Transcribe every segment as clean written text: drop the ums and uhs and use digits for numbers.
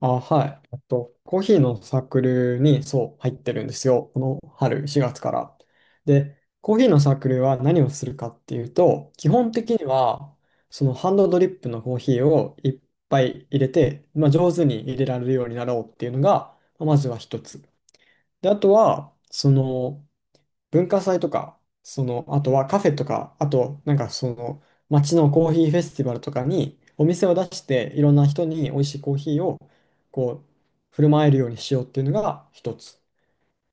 あ、はい。コーヒーのサークルに、そう、入ってるんですよ。この春、4月から。で、コーヒーのサークルは何をするかっていうと、基本的には、そのハンドドリップのコーヒーをいっぱい入れて、まあ、上手に入れられるようになろうっていうのが、まあまずは一つ。で、あとは、その、文化祭とか、その、あとはカフェとか、あと、なんかその、街のコーヒーフェスティバルとかに、お店を出して、いろんな人に美味しいコーヒーを、こう、振る舞えるようにしようっていうのが一つ。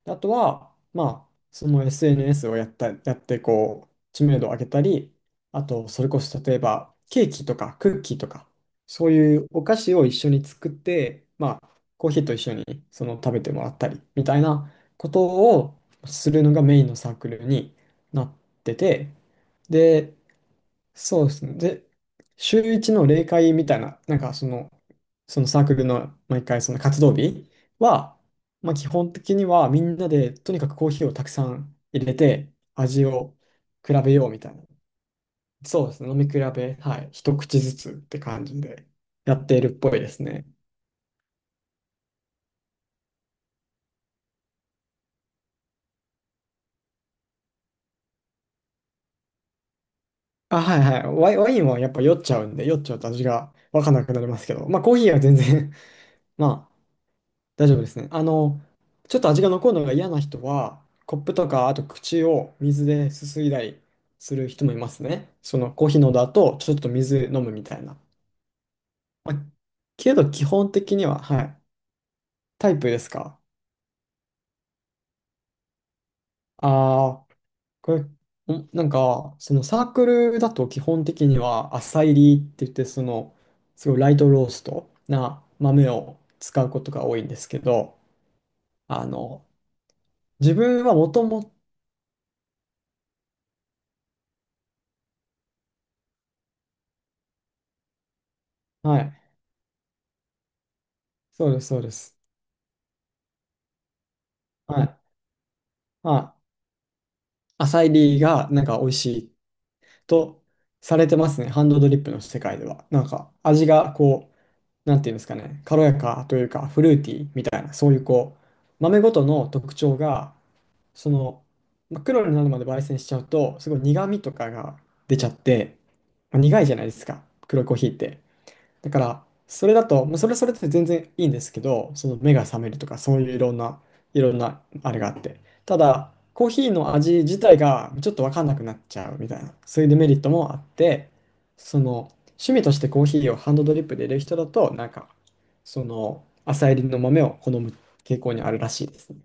あとは、まあ、その SNS をやって、こう、知名度を上げたり、あと、それこそ例えば、ケーキとかクッキーとか、そういうお菓子を一緒に作って、まあ、コーヒーと一緒にその食べてもらったり、みたいなことをするのがメインのサークルになってて、で、そうですね。で、週一の例会みたいな、なんかその、そのサークルの毎回その活動日は、まあ、基本的にはみんなでとにかくコーヒーをたくさん入れて味を比べようみたいな。そうですね。飲み比べ、はい。一口ずつって感じでやっているっぽいですね。あ、はいはい。ワインはやっぱ酔っちゃうんで、酔っちゃうと味がわかんなくなりますけど、まあコーヒーは全然 ま大丈夫ですね。あの、ちょっと味が残るのが嫌な人は、コップとか、あと口を水ですすいだりする人もいますね。そのコーヒーのだと、ちょっと水飲むみたいな。まあ、けど、基本的には、はい。タイプですか？ああー、これ、んなんか、そのサークルだと基本的には、浅煎りって言って、その、すごいライトローストな豆を使うことが多いんですけど、あの、自分はもともと、はい、そうです、そうです。はい。まあ、浅いリーがなんか美味しいとされてますね、ハンドドリップの世界では。なんか味がこう、なんていうんですかね、軽やかというか、フルーティーみたいな、そういうこう、豆ごとの特徴が、その、まあ黒になるまで焙煎しちゃうと、すごい苦味とかが出ちゃって、まあ苦いじゃないですか、黒いコーヒーって。だから、それだと、まあそれはそれって全然いいんですけど、その目が覚めるとか、そういういろんな、いろんなあれがあって。ただ、コーヒーの味自体がちょっとわかんなくなっちゃうみたいな、そういうデメリットもあって、その、趣味としてコーヒーをハンドドリップで入れる人だと、なんか、その、朝入りの豆を好む傾向にあるらしいですね。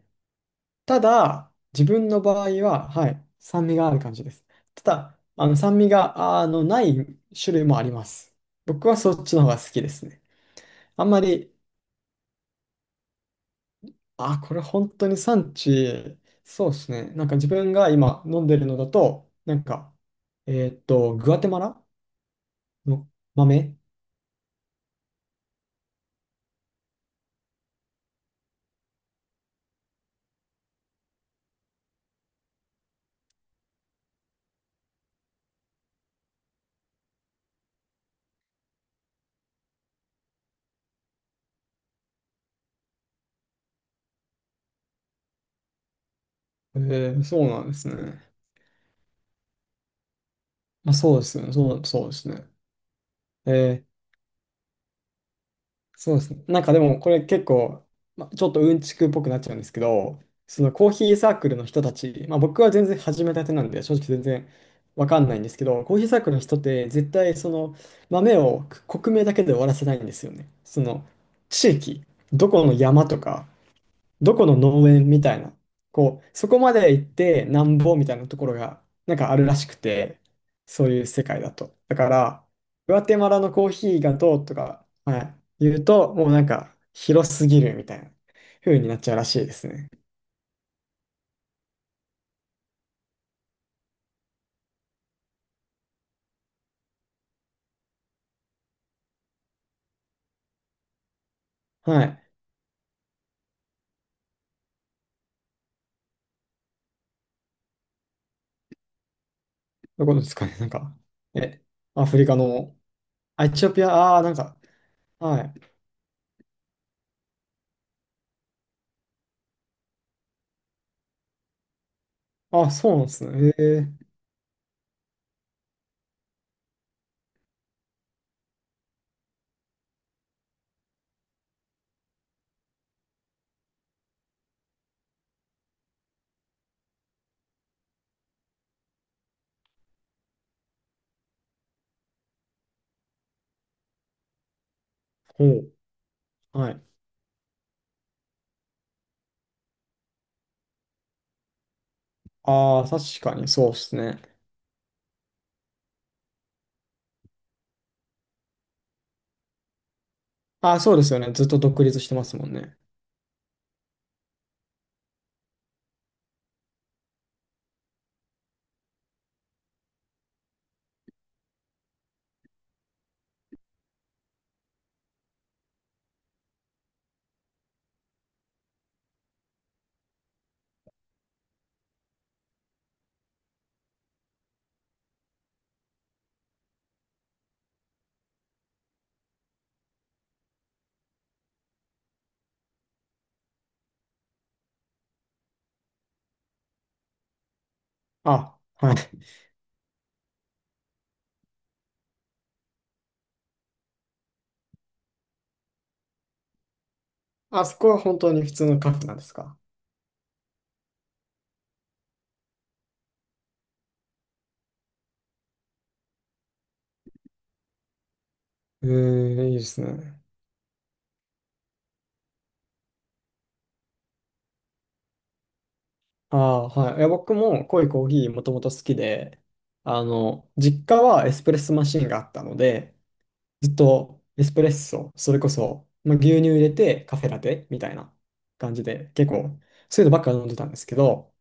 ただ、自分の場合は、はい、酸味がある感じです。ただ、あの酸味があのない種類もあります。僕はそっちの方が好きですね。あんまり、あ、これ本当に産地、そうですね。なんか自分が今飲んでるのだと、なんか、グアテマラの豆。えそうなんですね。まあ、そうですね。そう、そうですね。えーそうですね。なんかでもこれ結構、ま、ちょっとうんちくっぽくなっちゃうんですけど、そのコーヒーサークルの人たち、まあ、僕は全然始めたてなんで正直全然わかんないんですけど、コーヒーサークルの人って絶対その豆をく国名だけで終わらせないんですよね。その地域、どこの山とか、どこの農園みたいな、こう、そこまで行ってなんぼみたいなところが、なんかあるらしくて、そういう世界だと。だから、グアテマラのコーヒーがどうとか、はい、言うと、もうなんか、広すぎるみたいな風になっちゃうらしいですね。はい。どこですかね、なんか、え、アフリカの、あ、エチオピア、ああー、なんか、はい。あ、そうなんですね。へえ、ほう、はい。ああ、確かにそうですね。ああ、そうですよね。ずっと独立してますもんね。あ、はい。あそこは本当に普通のカフェなんですか？えー、いいですね。ああ、はい。いや、僕も濃いコーヒーもともと好きで、あの、実家はエスプレッソマシンがあったので、ずっとエスプレッソ、それこそ、まあ、牛乳入れてカフェラテみたいな感じで、結構、そういうのばっか飲んでたんですけど、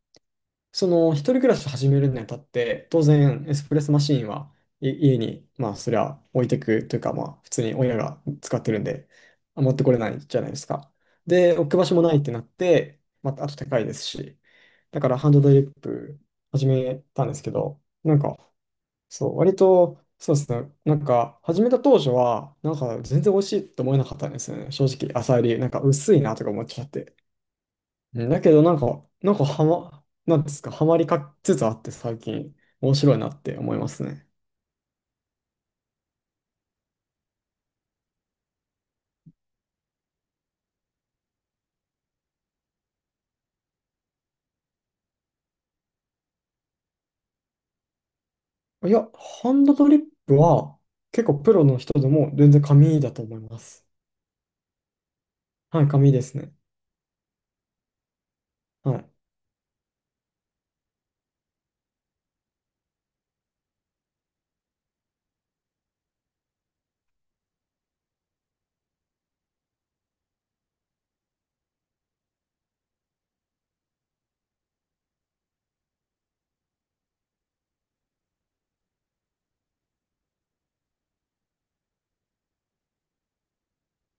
その一人暮らしを始めるにあたって当然エスプレッソマシーンはい家に、まあそりゃ置いてくというか、まあ普通に親が使ってるんで、あ持ってこれないじゃないですか。で、置く場所もないってなって、またあと高いですし、だからハンドドリップ始めたんですけど、なんかそう、割とそうですね、なんか始めた当初はなんか全然美味しいと思えなかったんですよね、正直。浅煎りなんか薄いなとか思っちゃってね。だけどなんか、なんかなんですか、はまりかつつあって、最近面白いなって思いますね。いや、ハンドドリップは結構プロの人でも全然紙だと思います。はい、紙ですね。はい。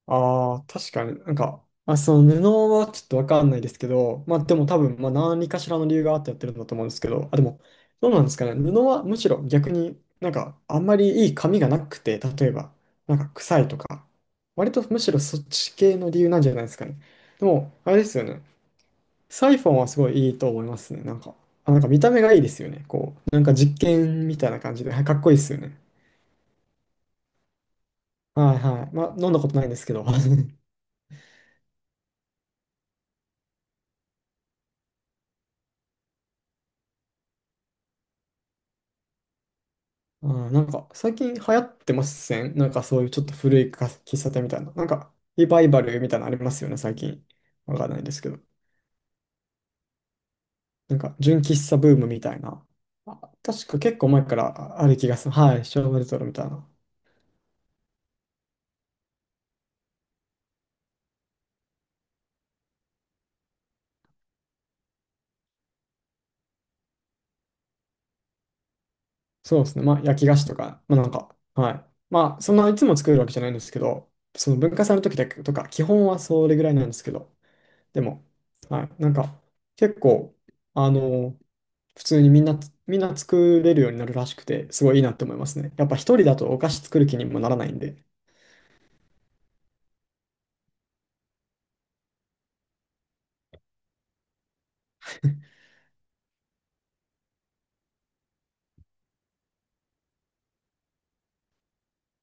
ああ、確かになんか、まあ、その布はちょっとわかんないですけど、まあでも多分、まあ何かしらの理由があってやってるんだと思うんですけど、あ、でも、どうなんですかね。布はむしろ逆になんかあんまりいい髪がなくて、例えば、なんか臭いとか、割とむしろそっち系の理由なんじゃないですかね。でも、あれですよね。サイフォンはすごいいいと思いますね。なんか、あ、なんか見た目がいいですよね。こう、なんか実験みたいな感じで、はい、かっこいいですよね。はいはい。まあ飲んだことないんですけど。あー、なんか最近流行ってません？なんかそういうちょっと古いか喫茶店みたいな。なんかリバイバルみたいなのありますよね、最近。わかんないですけど。なんか純喫茶ブームみたいな。あ、確か結構前からある気がする。はい、昭和レトロみたいな。そうですね。まあ焼き菓子とか、まあなんか、はい。まあそんないつも作るわけじゃないんですけど、その文化祭の時だけとか、基本はそれぐらいなんですけど、でも、はい。なんか結構、あの普通にみんな作れるようになるらしくて、すごいいいなって思いますね。やっぱ一人だとお菓子作る気にもならないんで。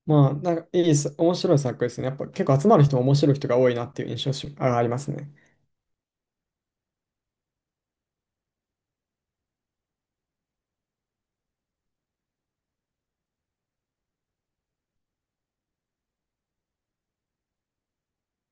まあ、なんかいいさ、面白い作品ですね。やっぱ結構集まる人も面白い人が多いなっていう印象しあありますね。